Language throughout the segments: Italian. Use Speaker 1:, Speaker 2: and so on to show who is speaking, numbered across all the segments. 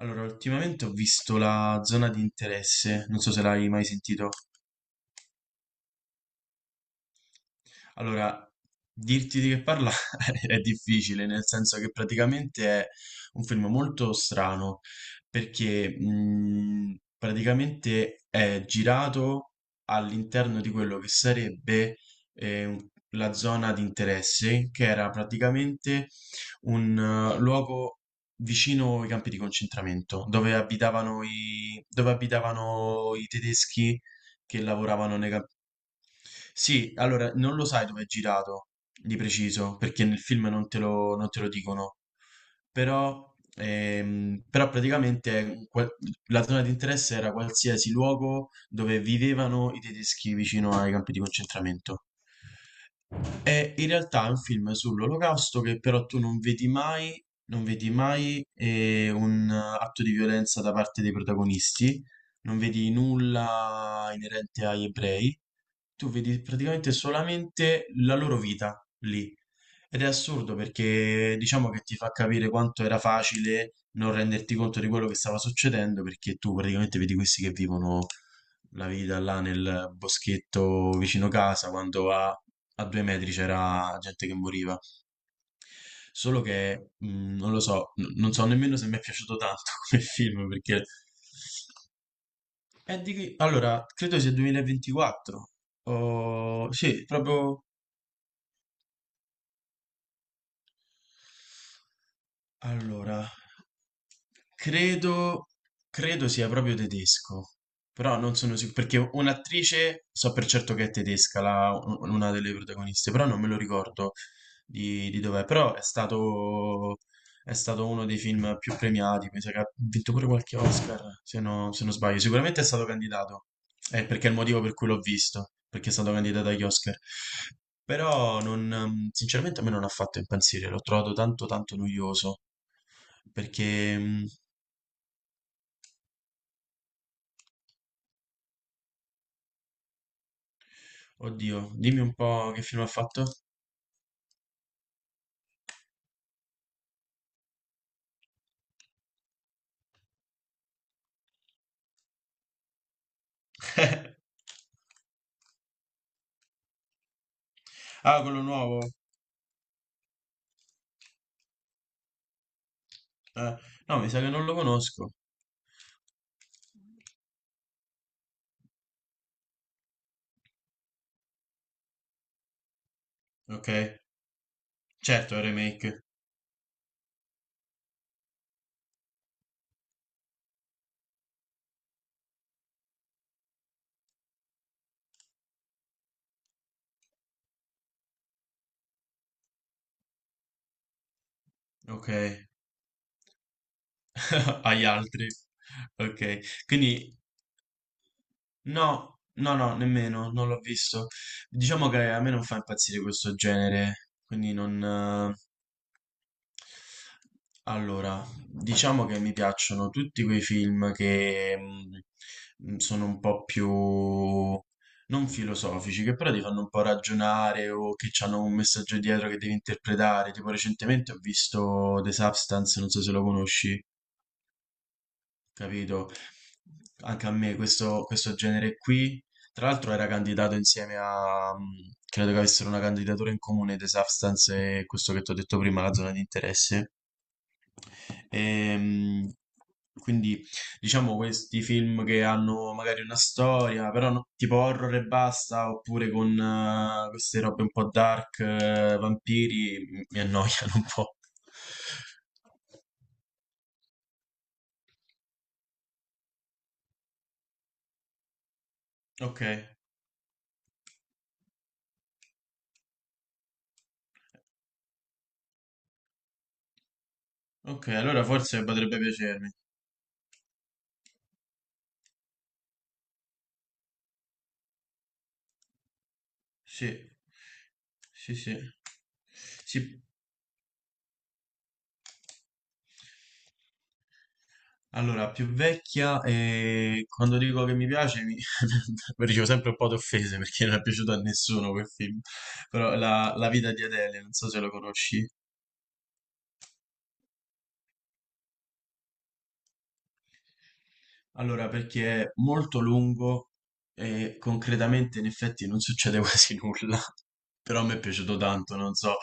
Speaker 1: Allora, ultimamente ho visto La zona di interesse, non so se l'hai mai sentito. Allora, dirti di che parla è difficile, nel senso che praticamente è un film molto strano, perché praticamente è girato all'interno di quello che sarebbe eh, un- la zona di interesse, che era praticamente un luogo vicino ai campi di concentramento, dove abitavano i tedeschi che lavoravano nei campi. Sì, allora non lo sai dove è girato di preciso, perché nel film non te lo dicono, però, però praticamente la zona di interesse era qualsiasi luogo dove vivevano i tedeschi vicino ai campi di concentramento. È In realtà è un film sull'Olocausto che però tu non vedi mai un atto di violenza da parte dei protagonisti, non vedi nulla inerente agli ebrei, tu vedi praticamente solamente la loro vita lì. Ed è assurdo perché diciamo che ti fa capire quanto era facile non renderti conto di quello che stava succedendo, perché tu praticamente vedi questi che vivono la vita là nel boschetto vicino casa, quando a due metri c'era gente che moriva. Solo che non lo so, non so nemmeno se mi è piaciuto tanto come film, Allora, credo sia 2024. Oh, sì, proprio. Allora, credo, credo sia proprio tedesco, però non sono sicuro, perché un'attrice so per certo che è tedesca, una delle protagoniste, però non me lo ricordo di dov'è, è stato uno dei film più premiati, mi sa che ha vinto pure qualche Oscar, se non sbaglio, sicuramente è stato candidato, perché è il motivo per cui l'ho visto, perché è stato candidato agli Oscar. Però non, sinceramente a me non ha fatto impazzire, l'ho trovato tanto tanto noioso. Perché, mh, oddio, dimmi un po' che film ha fatto. Ah, quello nuovo. Eh, no, mi sa che non lo conosco. Ok, certo, è un remake. Ok, agli altri. Ok, quindi no, no, no, nemmeno, non l'ho visto. Diciamo che a me non fa impazzire questo genere, quindi non... eh, Allora, diciamo che mi piacciono tutti quei film che sono un po' più non filosofici, che però ti fanno un po' ragionare o che hanno un messaggio dietro che devi interpretare. Tipo recentemente ho visto The Substance, non so se lo conosci, capito? Anche a me questo genere qui, tra l'altro era candidato insieme a, credo che avessero una candidatura in comune The Substance e questo che ti ho detto prima, la zona di interesse. Ehm, quindi diciamo questi film che hanno magari una storia, però tipo horror e basta, oppure con queste robe un po' dark, vampiri, mi annoiano un po'. Ok, ok, allora forse potrebbe piacermi. Sì, sì, sì. Sì. Allora, più vecchia, e quando dico che mi piace, ricevo sempre un po' di offese perché non è piaciuto a nessuno quel film. Però la vita di Adele, non so se lo conosci. Allora, perché è molto lungo e concretamente in effetti non succede quasi nulla, però mi è piaciuto tanto, non so,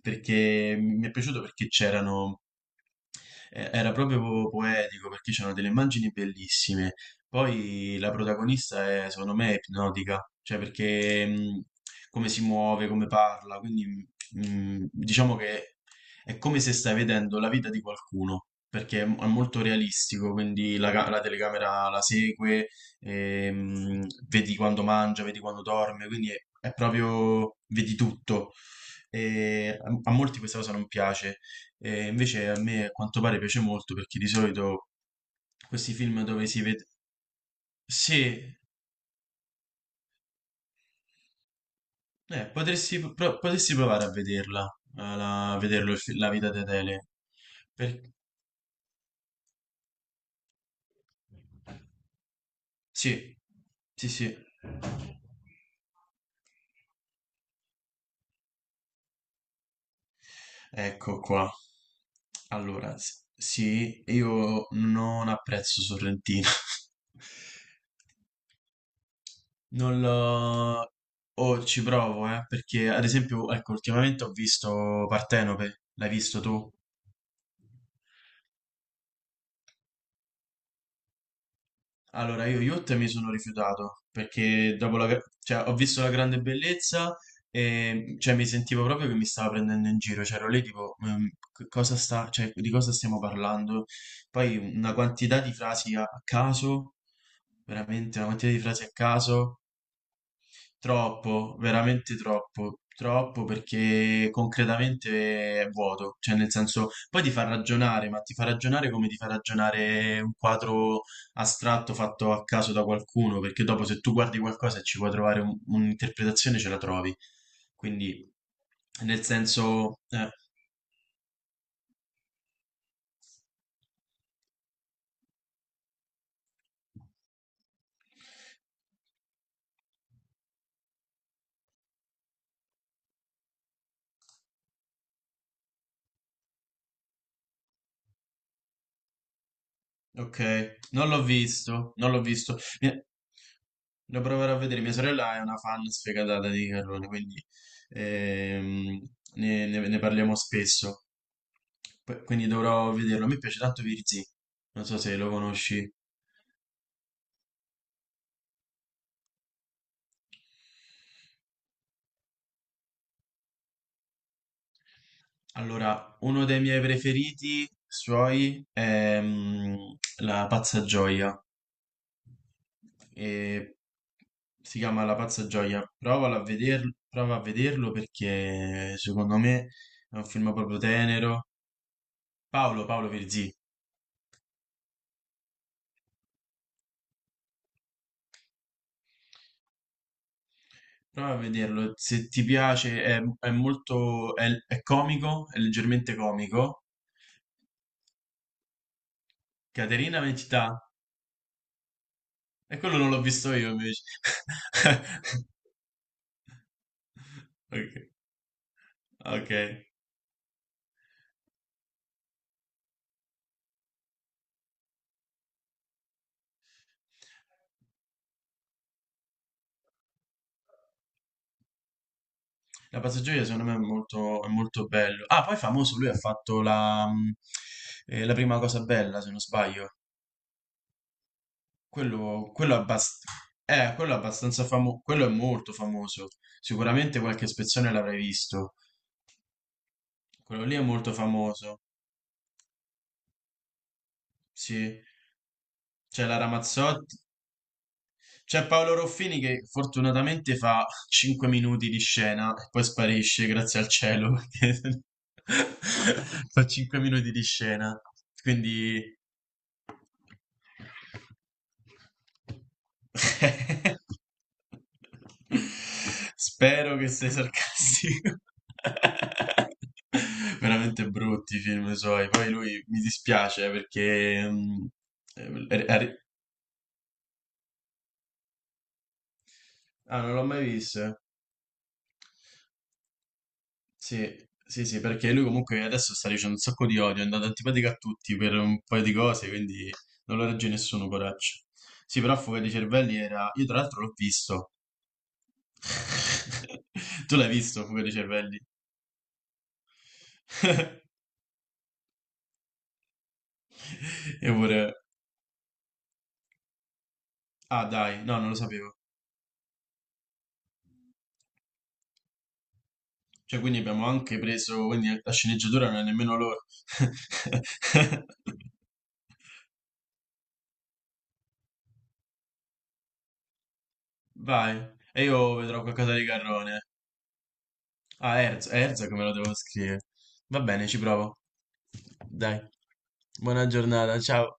Speaker 1: perché mi è piaciuto perché c'erano era proprio poetico perché c'erano delle immagini bellissime. Poi la protagonista è, secondo me, ipnotica, cioè perché come si muove, come parla, quindi diciamo che è come se stai vedendo la vita di qualcuno, perché è molto realistico, quindi la telecamera la segue, vedi quando mangia, vedi quando dorme, quindi è proprio, vedi tutto. E a molti questa cosa non piace, e invece a me a quanto pare piace molto perché di solito questi film dove si vede. Sì, potresti provare a vederla, a vederlo, La vita di Adele. Per- Sì, sì, sì. Ecco qua. Allora, sì, io non apprezzo Sorrentino. Non lo. O ci provo, perché ad esempio, ecco, ultimamente ho visto Partenope, l'hai visto tu? Allora, io Youth mi sono rifiutato perché dopo cioè, ho visto La grande bellezza, e cioè, mi sentivo proprio che mi stava prendendo in giro. C'ero lì tipo, cosa sta, cioè, di cosa stiamo parlando?" Poi una quantità di frasi a caso, veramente una quantità di frasi a caso. Troppo, veramente troppo, troppo, perché concretamente è vuoto, cioè nel senso poi ti fa ragionare, ma ti fa ragionare come ti fa ragionare un quadro astratto fatto a caso da qualcuno, perché dopo, se tu guardi qualcosa e ci puoi trovare un'interpretazione, ce la trovi. Quindi, nel senso ok, non l'ho visto, non l'ho visto. Lo proverò a vedere. Mia sorella è una fan sfegatata di Carlone, quindi ehm, ne parliamo spesso. Quindi dovrò vederlo. A me piace tanto Virzì, non so se lo conosci. Allora, uno dei miei preferiti suoi è La Pazza Gioia. E si chiama La Pazza Gioia. Prova a vederlo, perché secondo me è un film proprio tenero. Paolo Virzì. Prova a vederlo, se ti piace è molto, è comico, è leggermente comico. Caterina Mentità, e quello non l'ho visto io invece. Ok, ok. La Passeggiaia secondo me è molto bello. Ah, poi famoso, lui ha fatto la prima cosa bella, se non sbaglio. Quello, quello, abbast- quello è abbastanza famoso, quello è molto famoso. Sicuramente qualche spezzone l'avrai visto. Quello lì è molto famoso, sì. C'è la Ramazzotti, c'è Paolo Roffini che fortunatamente fa 5 minuti di scena e poi sparisce, grazie al cielo, perché fa 5 minuti di scena. Quindi spero che sei sarcastico. Veramente brutti i film suoi. Poi lui mi dispiace eh, Ah, non l'ho mai vista. Sì, sì, sì, perché lui comunque adesso sta dicendo un sacco di odio, è andato antipatico a tutti per un paio di cose, quindi non lo regge nessuno, coraggio. Sì, però Fuga dei Cervelli era. Io tra l'altro l'ho visto. Tu l'hai visto, Fuga dei Cervelli? E pure... Ah, dai, no, non lo sapevo. Cioè, quindi abbiamo anche Quindi la sceneggiatura non è nemmeno loro. Vai, e io vedrò qualcosa di Carrone. Ah, Erz come lo devo scrivere? Va bene, ci provo. Dai, buona giornata, ciao.